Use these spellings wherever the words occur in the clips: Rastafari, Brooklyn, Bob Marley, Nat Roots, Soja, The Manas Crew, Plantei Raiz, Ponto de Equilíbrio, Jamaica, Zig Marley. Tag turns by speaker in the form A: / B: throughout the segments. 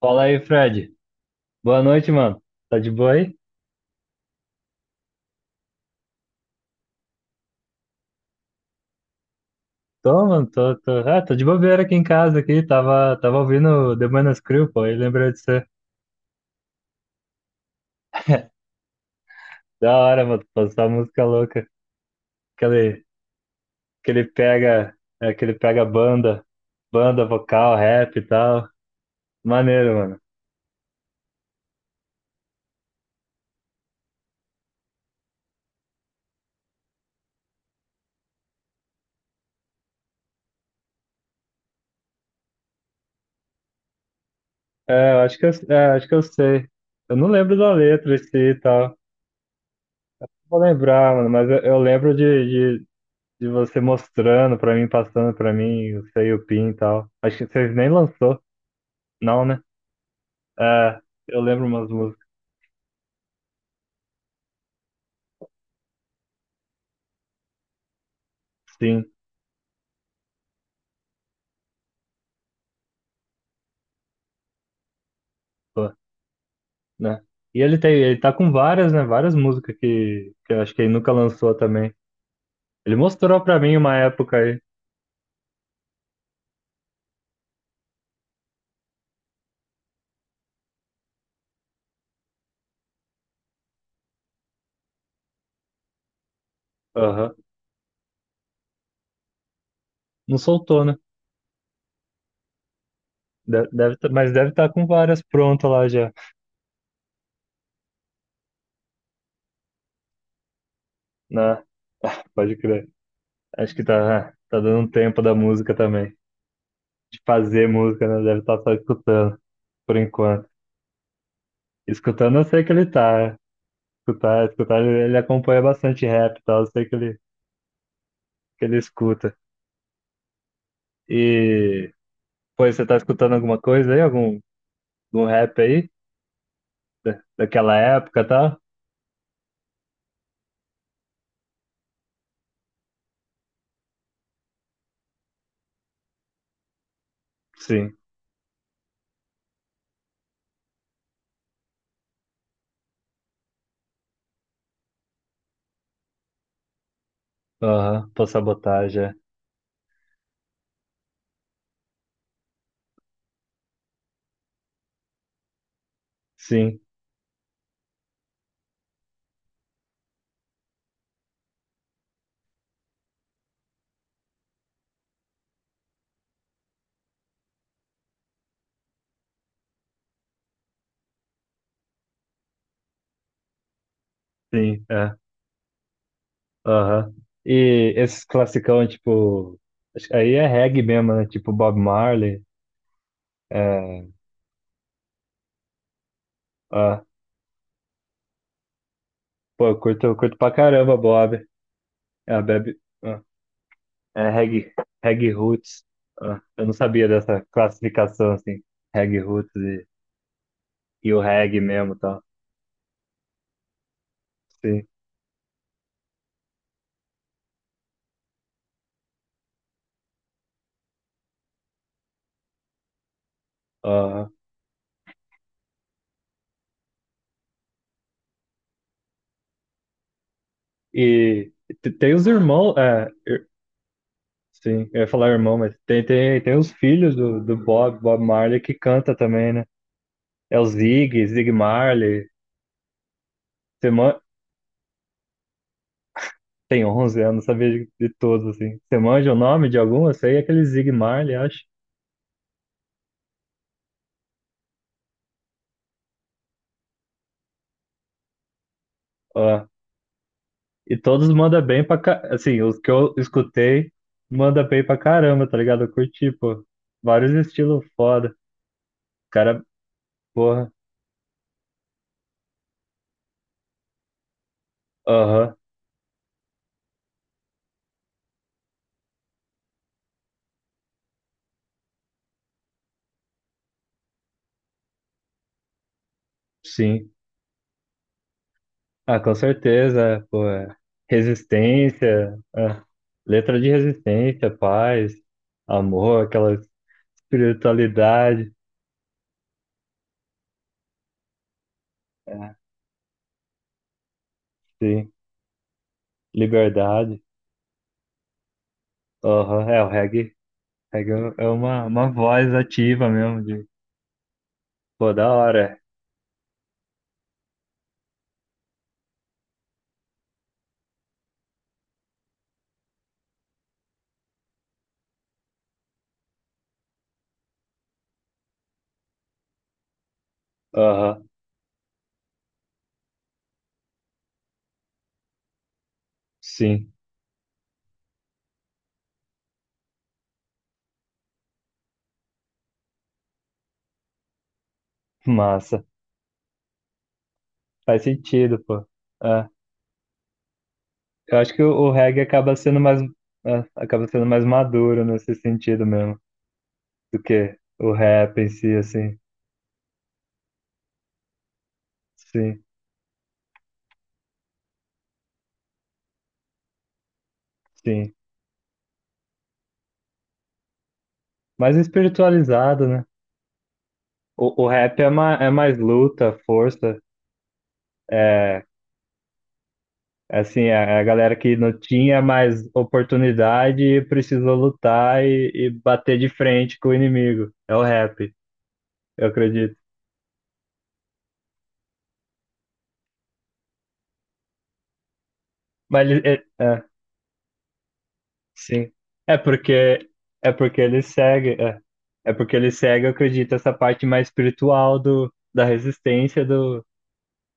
A: Fala aí, Fred. Boa noite, mano. Tá de boa aí? Tô, mano, tô, tô. Ah, tô de bobeira aqui em casa, aqui. Tava ouvindo The Manas Crew, pô, e lembrei de você. Da hora, mano, passar música louca. Aquele, aquele pega, aquele pega banda vocal, rap e tal. Maneiro, mano. É, eu acho que eu sei. Eu não lembro da letra em si e tal. Vou lembrar, mano, mas eu lembro de você mostrando pra mim, passando pra mim, o seu e o Pin e tal. Acho que vocês nem lançou. Não, né? É, eu lembro umas músicas, sim, pô, né? E ele tá com várias, né? Várias músicas que eu acho que ele nunca lançou também. Ele mostrou pra mim uma época aí. Aham. Não soltou, né? Mas deve estar com várias prontas lá já, né? Pode crer. Acho que tá dando um tempo da música também. De fazer música, né? Deve estar só escutando, por enquanto. Escutando eu sei que ele tá, né? Escutar, ele acompanha bastante rap e tal, eu sei que ele escuta. E Pois você tá escutando alguma coisa aí? Algum rap aí? Daquela época, tá? Sim. Aham. Pô, sabotagem. É. Sim, sim, é. Aham. E esses classicão, tipo. Acho que aí é reggae mesmo, né? Tipo Bob Marley. É. Ah, pô, eu curto pra caramba, Bob. É, Bebe. Ah, é reggae, reggae roots. Ah, eu não sabia dessa classificação, assim. Reggae roots e o reggae mesmo, tá? Sim. Aham. E tem os irmãos, sim, eu ia falar irmão, mas tem os filhos do Bob, Bob Marley que canta também, né? É o Zig, Zig Marley. você man... Tem 11 anos, sabia de todos, assim. Você manja o nome de algum? Eu sei aquele Zig Marley, acho. Ó, e todos mandam bem assim, os que eu escutei, manda bem pra caramba, tá ligado? Eu curti, pô. Vários estilos foda. Cara, porra, aham, sim. Ah, com certeza, pô, é. Resistência, é. Letra de resistência, paz, amor, aquela espiritualidade, é, sim, liberdade. Aham, é, o reggae é uma voz ativa mesmo, pô, da hora. Aham, sim, massa, faz sentido, pô. É, eu acho que o reggae acaba sendo mais maduro nesse sentido mesmo, do que o rap em si, assim, sim, sim. Mais espiritualizado, né? O rap é mais luta, força, é é assim, é a galera que não tinha mais oportunidade e precisou lutar e bater de frente com o inimigo. É o rap, eu acredito. Mas ele, é, é, sim. É porque é porque ele segue, eu acredito, essa parte mais espiritual do, da resistência do,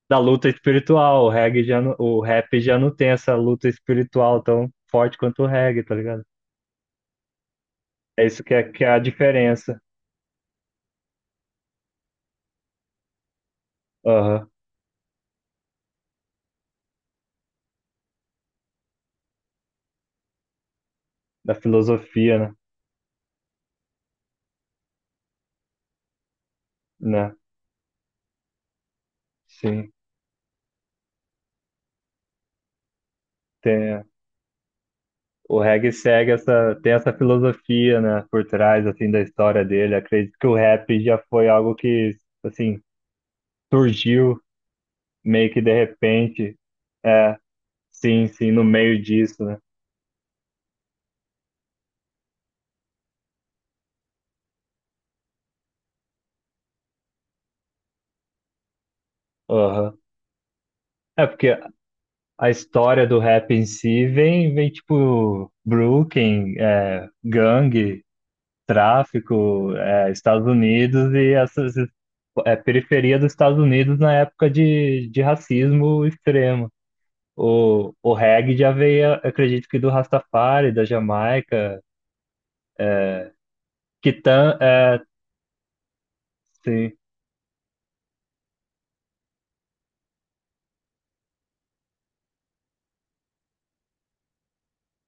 A: da luta espiritual. O rap já não tem essa luta espiritual tão forte quanto o reggae, tá ligado? É isso que é a diferença, aham, da filosofia, né? Né? Sim, tem, o reggae segue essa, tem essa filosofia, né, por trás, assim, da história dele. Acredito que o rap já foi algo que, assim, surgiu meio que de repente, é, sim, sim, no meio disso, né? Aham. É porque a história do rap em si vem tipo Brooklyn, gangue, tráfico, Estados Unidos e periferia dos Estados Unidos na época de racismo extremo. O reggae já veio, acredito que do Rastafari, da Jamaica, é, que tan, é, sim,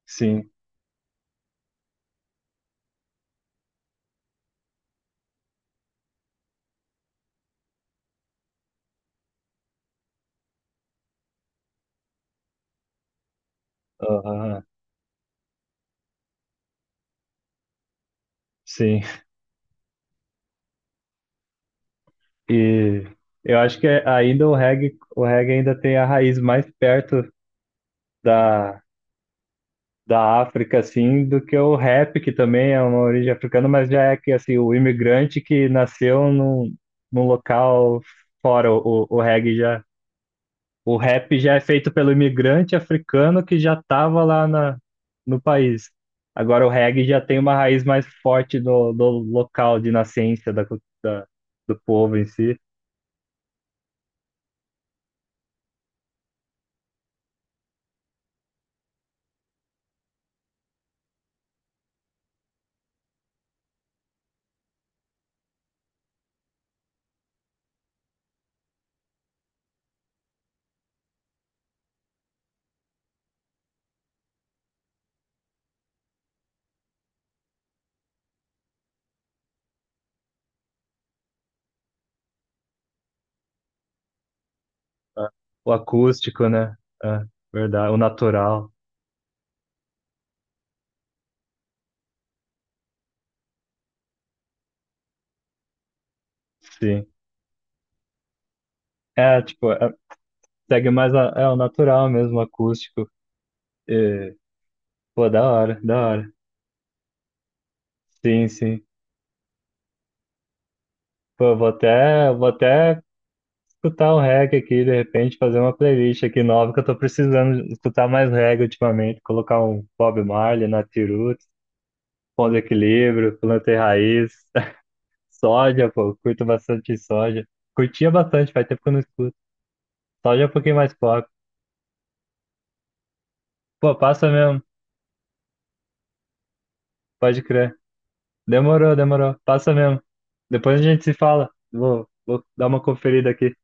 A: sim, aham, sim. E eu acho que ainda o reggae ainda tem a raiz mais perto da, da África, assim, do que o rap, que também é uma origem africana, mas já é que, assim, o imigrante que nasceu num local fora. O rap já é feito pelo imigrante africano que já estava lá na, no país. Agora o reggae já tem uma raiz mais forte do local de nascença do povo em si. Ah, o acústico, né? É, verdade. O natural, sim. É, tipo, segue mais o natural mesmo, o acústico. É, pô, da hora, da hora. Sim, sim. Pô, eu vou até escutar o reggae aqui, de repente, fazer uma playlist aqui nova, que eu tô precisando escutar mais reggae ultimamente. Colocar um Bob Marley, Nat Roots, Ponto de Equilíbrio, Plantei Raiz, Soja, pô, eu curto bastante Soja. Curtia bastante, faz tempo que eu não escuto. Soja é um pouquinho mais pop. Pô, passa mesmo, pode crer. Demorou, demorou, passa mesmo. Depois a gente se fala. Vou dar uma conferida aqui.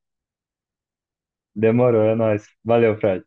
A: Demorou, é nóis. Valeu, Fred.